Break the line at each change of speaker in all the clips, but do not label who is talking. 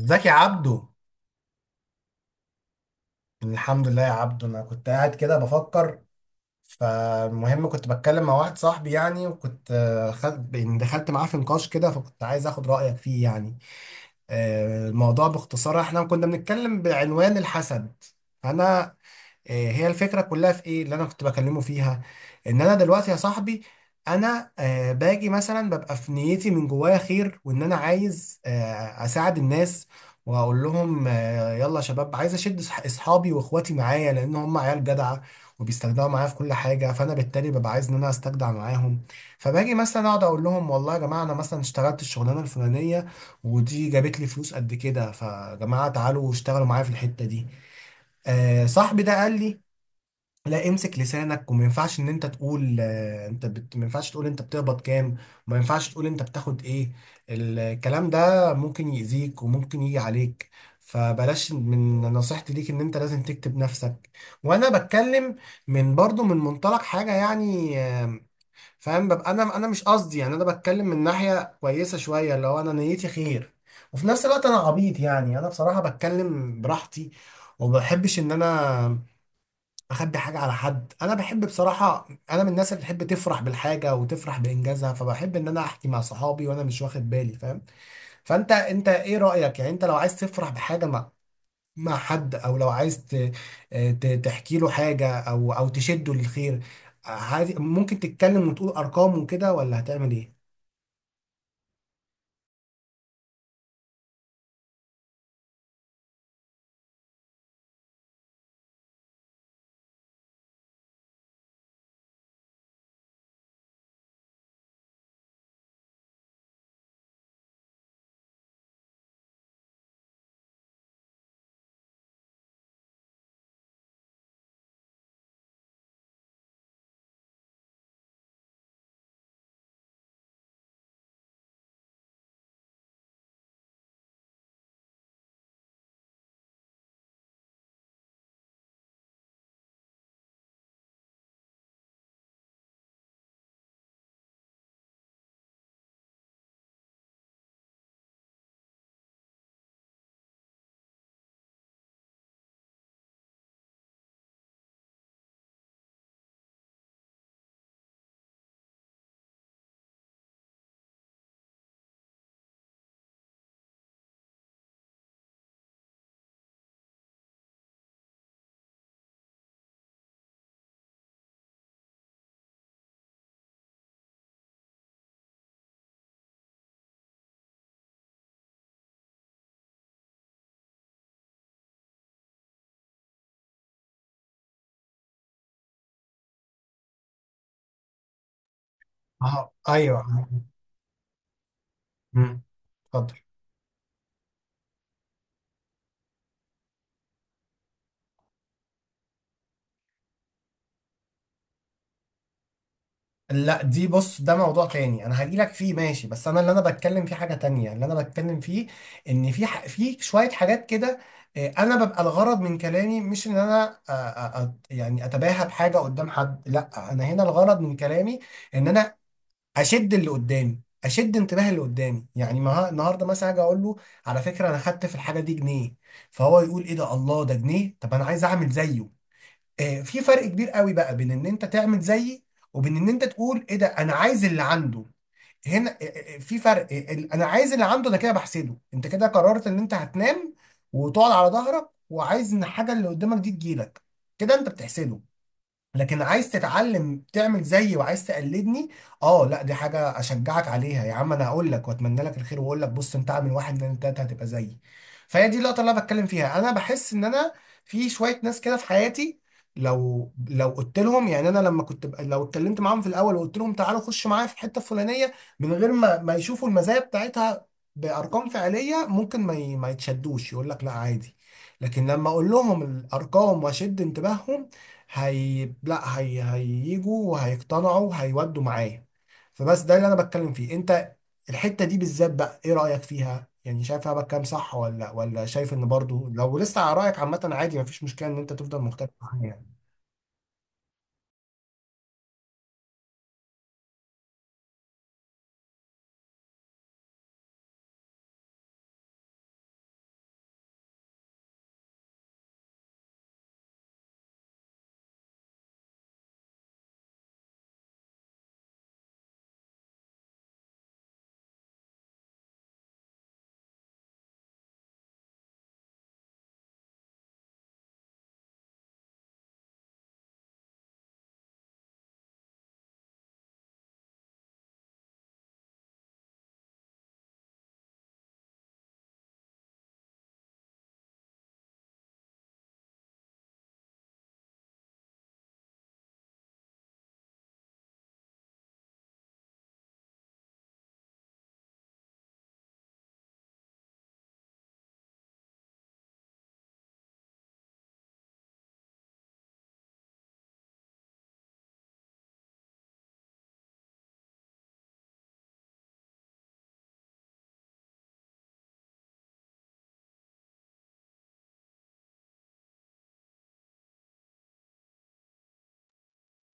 ازيك يا عبدو. الحمد لله يا عبدو، انا كنت قاعد كده بفكر. فالمهم كنت بتكلم مع واحد صاحبي يعني، وكنت خد يعني دخلت معاه في نقاش كده، فكنت عايز اخد رأيك فيه يعني. الموضوع باختصار احنا كنا بنتكلم بعنوان الحسد. انا هي الفكرة كلها في ايه اللي انا كنت بكلمه فيها، ان انا دلوقتي يا صاحبي انا باجي مثلا ببقى في نيتي من جوايا خير، وان انا عايز اساعد الناس، واقول لهم يلا يا شباب، عايز اشد اصحابي واخواتي معايا لان هم عيال جدعة وبيستجدعوا معايا في كل حاجة، فانا بالتالي ببقى عايز ان انا استجدع معاهم. فباجي مثلا اقعد اقول لهم والله يا جماعة انا مثلا اشتغلت الشغلانة الفلانية ودي جابت لي فلوس قد كده، فجماعة تعالوا اشتغلوا معايا في الحتة دي. آه صاحبي ده قال لي لا امسك لسانك، وما ينفعش ان انت تقول آه انت ما ينفعش تقول انت بتقبض كام، وما ينفعش تقول انت بتاخد ايه. الكلام ده ممكن يأذيك وممكن يجي عليك، فبلاش، من نصيحتي ليك ان انت لازم تكتب نفسك. وانا بتكلم من برضو من منطلق حاجة يعني، فاهم؟ ببقى انا مش قصدي يعني، انا بتكلم من ناحيه كويسه شويه، اللي هو انا نيتي خير، وفي نفس الوقت انا عبيط يعني، انا بصراحه بتكلم براحتي، وما بحبش ان انا اخبي حاجه على حد. انا بحب بصراحه، انا من الناس اللي بتحب تفرح بالحاجه وتفرح بانجازها، فبحب ان انا احكي مع صحابي وانا مش واخد بالي، فاهم؟ فانت انت ايه رايك يعني؟ انت لو عايز تفرح بحاجه ما مع حد، او لو عايز تحكي له حاجه، او تشده للخير، عايز ممكن تتكلم وتقول ارقام وكده، ولا هتعمل ايه؟ اه ايوه. مم. اتفضل. لا دي بص، ده موضوع تاني انا هجيلك فيه ماشي، بس انا اللي انا بتكلم فيه حاجه تانية. اللي انا بتكلم فيه ان في في شويه حاجات كده. انا ببقى الغرض من كلامي مش ان انا يعني اتباهى بحاجه قدام حد، لا انا هنا الغرض من كلامي ان انا اشد اللي قدامي، اشد انتباه اللي قدامي. يعني النهارده مثلا اجي اقول له على فكره انا خدت في الحاجه دي جنيه، فهو يقول ايه ده، الله، ده جنيه؟ طب انا عايز اعمل زيه. آه، في فرق كبير قوي بقى بين ان انت تعمل زيي، وبين ان انت تقول ايه ده، انا عايز اللي عنده. هنا في فرق، انا عايز اللي عنده ده، كده بحسده. انت كده قررت ان انت هتنام وتقعد على ظهرك، وعايز ان الحاجه اللي قدامك دي تجيلك، كده انت بتحسده. لكن عايز تتعلم تعمل زيي، وعايز تقلدني، اه لا دي حاجه اشجعك عليها يا عم. انا هقول لك واتمنى لك الخير، واقول لك بص انت اعمل واحد اتنين تلاته هتبقى زيي. فهي دي اللقطه اللي انا بتكلم فيها. انا بحس ان انا في شويه ناس كده في حياتي، لو قلت لهم يعني، انا لما كنت لو اتكلمت معاهم في الاول وقلت لهم تعالوا خشوا معايا في الحته الفلانيه، من غير ما يشوفوا المزايا بتاعتها بارقام فعليه، ممكن ما يتشدوش، يقول لك لا عادي. لكن لما اقول لهم الارقام واشد انتباههم، هي لا هي هييجوا وهيقتنعوا وهيودوا معايا. فبس ده اللي انا بتكلم فيه. انت الحتة دي بالذات بقى ايه رأيك فيها يعني؟ شايف انا بتكلم صح، ولا شايف ان برضو لو لسه على رأيك عامة عادي، مفيش مشكلة ان انت تفضل مختلف معايا يعني.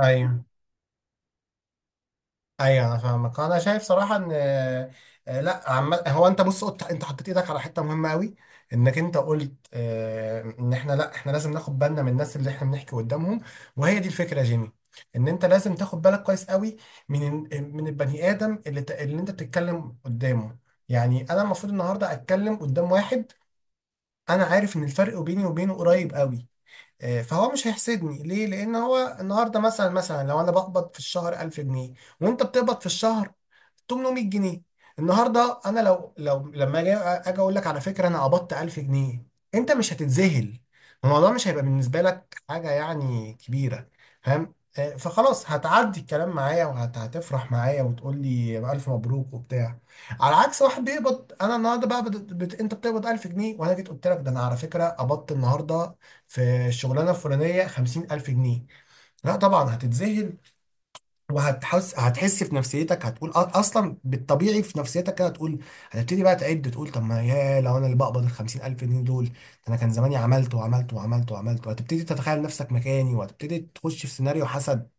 ايوه ايوه انا فاهمك. انا شايف صراحه ان آه، لا عم... هو انت بص، قلت انت حطيت ايدك على حته مهمه قوي، انك انت قلت ان احنا، لا احنا لازم ناخد بالنا من الناس اللي احنا بنحكي قدامهم. وهي دي الفكره يا جيمي، ان انت لازم تاخد بالك كويس قوي من البني ادم اللي اللي انت بتتكلم قدامه. يعني انا المفروض النهارده اتكلم قدام واحد انا عارف ان الفرق بيني وبينه قريب قوي، فهو مش هيحسدني ليه؟ لان هو النهارده مثلا لو انا بقبض في الشهر 1000 جنيه، وانت بتقبض في الشهر 800 جنيه، النهارده انا لو لما اجي اقول لك على فكره انا قبضت 1000 جنيه، انت مش هتتذهل. الموضوع مش هيبقى بالنسبه لك حاجه يعني كبيره، فاهم؟ فخلاص هتعدي الكلام معايا وهتفرح معايا وتقول لي الف مبروك وبتاع. على عكس واحد بيقبض، انا النهارده بقى انت بتقبض 1000 جنيه، وانا جيت قلت لك ده انا على فكره قبضت النهارده في الشغلانه الفلانيه 50000 جنيه، لا طبعا هتتذهل. وهتحس في نفسيتك، هتقول اصلا بالطبيعي في نفسيتك كده هتقول، هتبتدي بقى تعد تقول، طب ما يا لو انا اللي بقبض ال 50000 الف جنيه دول ده، انا كان زماني عملت وعملت وعملت وعملت، وهتبتدي تتخيل نفسك مكاني وهتبتدي تخش في سيناريو حسد،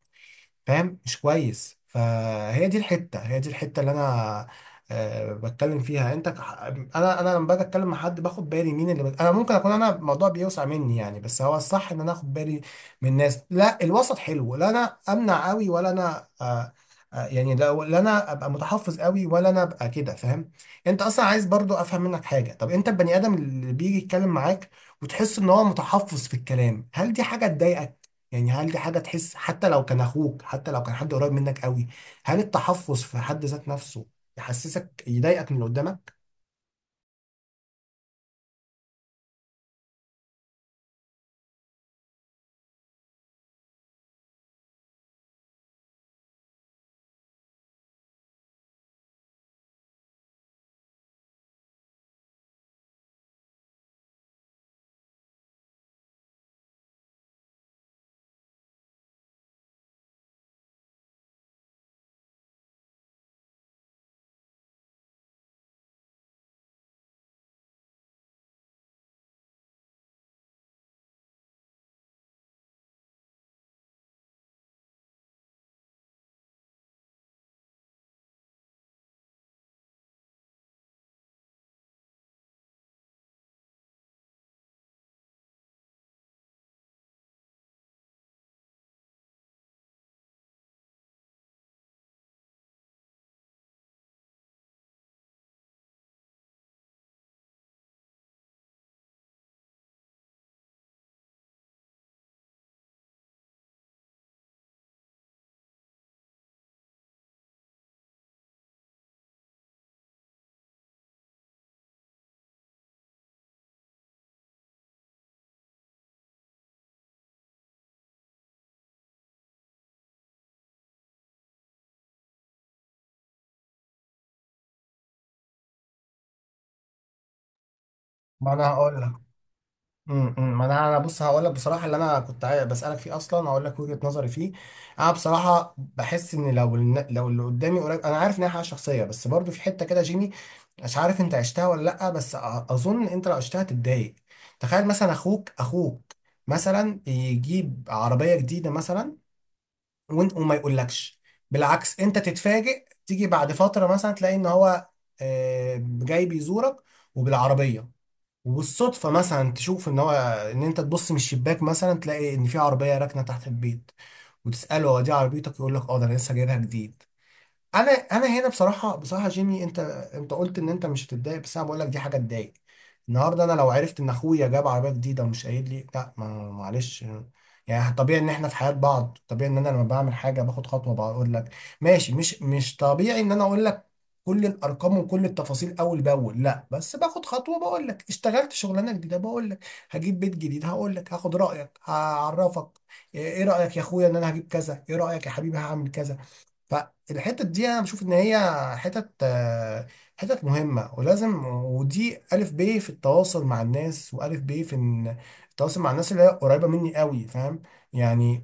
فاهم؟ مش كويس. فهي دي الحته، هي دي الحته اللي انا أه بتكلم فيها. انا لما باجي اتكلم مع حد باخد بالي مين اللي انا ممكن اكون انا الموضوع بيوسع مني يعني، بس هو الصح ان انا اخد بالي من الناس. لا الوسط حلو، لا انا امنع قوي ولا انا أه يعني، لا انا ابقى متحفظ قوي، ولا انا ابقى كده، فاهم؟ انت اصلا عايز برضو افهم منك حاجه. طب انت البني ادم اللي بيجي يتكلم معاك وتحس ان هو متحفظ في الكلام، هل دي حاجه تضايقك؟ يعني هل دي حاجة تحس، حتى لو كان أخوك، حتى لو كان حد قريب منك قوي، هل التحفظ في حد ذات نفسه يحسسك، يضايقك من اللي قدامك؟ ما انا هقول لك. أمم. ما انا بص هقول لك بصراحه اللي انا كنت بسالك فيه اصلا، هقول لك وجهه نظري فيه. انا بصراحه بحس ان لو لو اللي قدامي قريب، انا عارف ان هي حاجه شخصيه، بس برضو في حته كده جيمي، مش عارف انت عشتها ولا لا، بس اظن انت لو عشتها تتضايق. تخيل مثلا اخوك مثلا يجيب عربيه جديده مثلا، وانت وما يقولكش. بالعكس، انت تتفاجئ، تيجي بعد فترة مثلا تلاقي ان هو جاي بيزورك وبالعربية، وبالصدفة مثلا تشوف ان هو، ان انت تبص من الشباك مثلا تلاقي ان في عربية راكنة تحت البيت، وتسأله هو دي عربيتك؟ يقول لك اه ده انا لسه جايبها جديد. انا هنا بصراحه بصراحه جيمي، انت انت قلت ان انت مش هتتضايق، بس انا بقول لك دي حاجه تضايق. النهارده انا لو عرفت ان اخويا جاب عربيه جديده ومش قايل لي، لا ما، معلش، يعني طبيعي ان احنا في حياه بعض، طبيعي ان انا لما بعمل حاجه باخد خطوه بقول لك، ماشي مش طبيعي ان انا اقول لك كل الارقام وكل التفاصيل اول باول، لا بس باخد خطوه بقول لك اشتغلت شغلانه جديده، بقول لك هجيب بيت جديد، هقول لك هاخد رايك، هعرفك، ايه رايك يا اخويا ان انا هجيب كذا، ايه رايك يا حبيبي هعمل كذا. فالحتة دي انا بشوف ان هي حتت آه، حتت مهمة ولازم، ودي الف ب في التواصل مع الناس، والف ب في إن التواصل مع الناس اللي هي قريبة مني قوي، فاهم؟ يعني،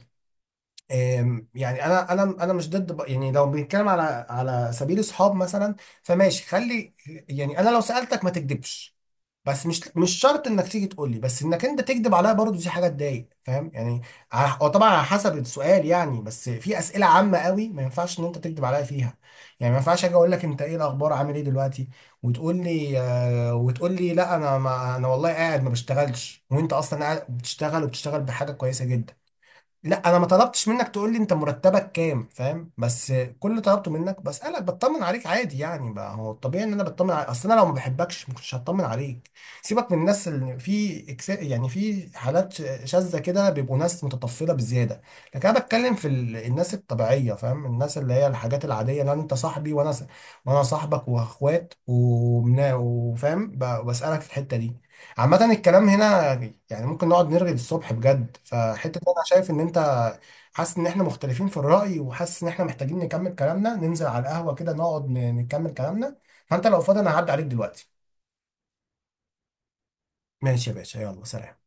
يعني انا مش ضد يعني لو بنتكلم على على سبيل اصحاب مثلا، فماشي خلي يعني، انا لو سالتك ما تكذبش، بس مش شرط انك تيجي تقول لي، بس انك انت تكذب عليا برضو دي حاجه تضايق، فاهم يعني؟ هو طبعا على حسب السؤال يعني، بس في اسئله عامه قوي ما ينفعش ان انت تكذب عليا فيها. يعني ما ينفعش اجي اقول لك انت ايه الاخبار، عامل ايه دلوقتي، وتقول لي وتقول لي لا انا ما انا والله قاعد ما بشتغلش، وانت اصلا قاعد بتشتغل وبتشتغل بحاجه كويسه جدا. لا انا ما طلبتش منك تقول لي انت مرتبك كام، فاهم؟ بس كل اللي طلبته منك بسالك بطمن عليك عادي يعني، بقى هو الطبيعي ان انا بطمن عليك، اصل انا لو ما بحبكش ما كنتش هطمن عليك. سيبك من الناس اللي في يعني في حالات شاذه كده بيبقوا ناس متطفله بزياده. لكن انا بتكلم في الناس الطبيعيه، فاهم؟ الناس اللي هي الحاجات العاديه، لان انت صاحبي، وانا وانا صاحبك واخوات وفاهم بسالك في الحته دي. عامة الكلام هنا يعني ممكن نقعد نرغي للصبح بجد، فحتة إن أنا شايف إن أنت حاسس إن إحنا مختلفين في الرأي، وحاسس إن إحنا محتاجين نكمل كلامنا، ننزل على القهوة كده نقعد نكمل كلامنا. فأنت لو فاضي أنا هعدي عليك دلوقتي. ماشي يا باشا، يلا سلام.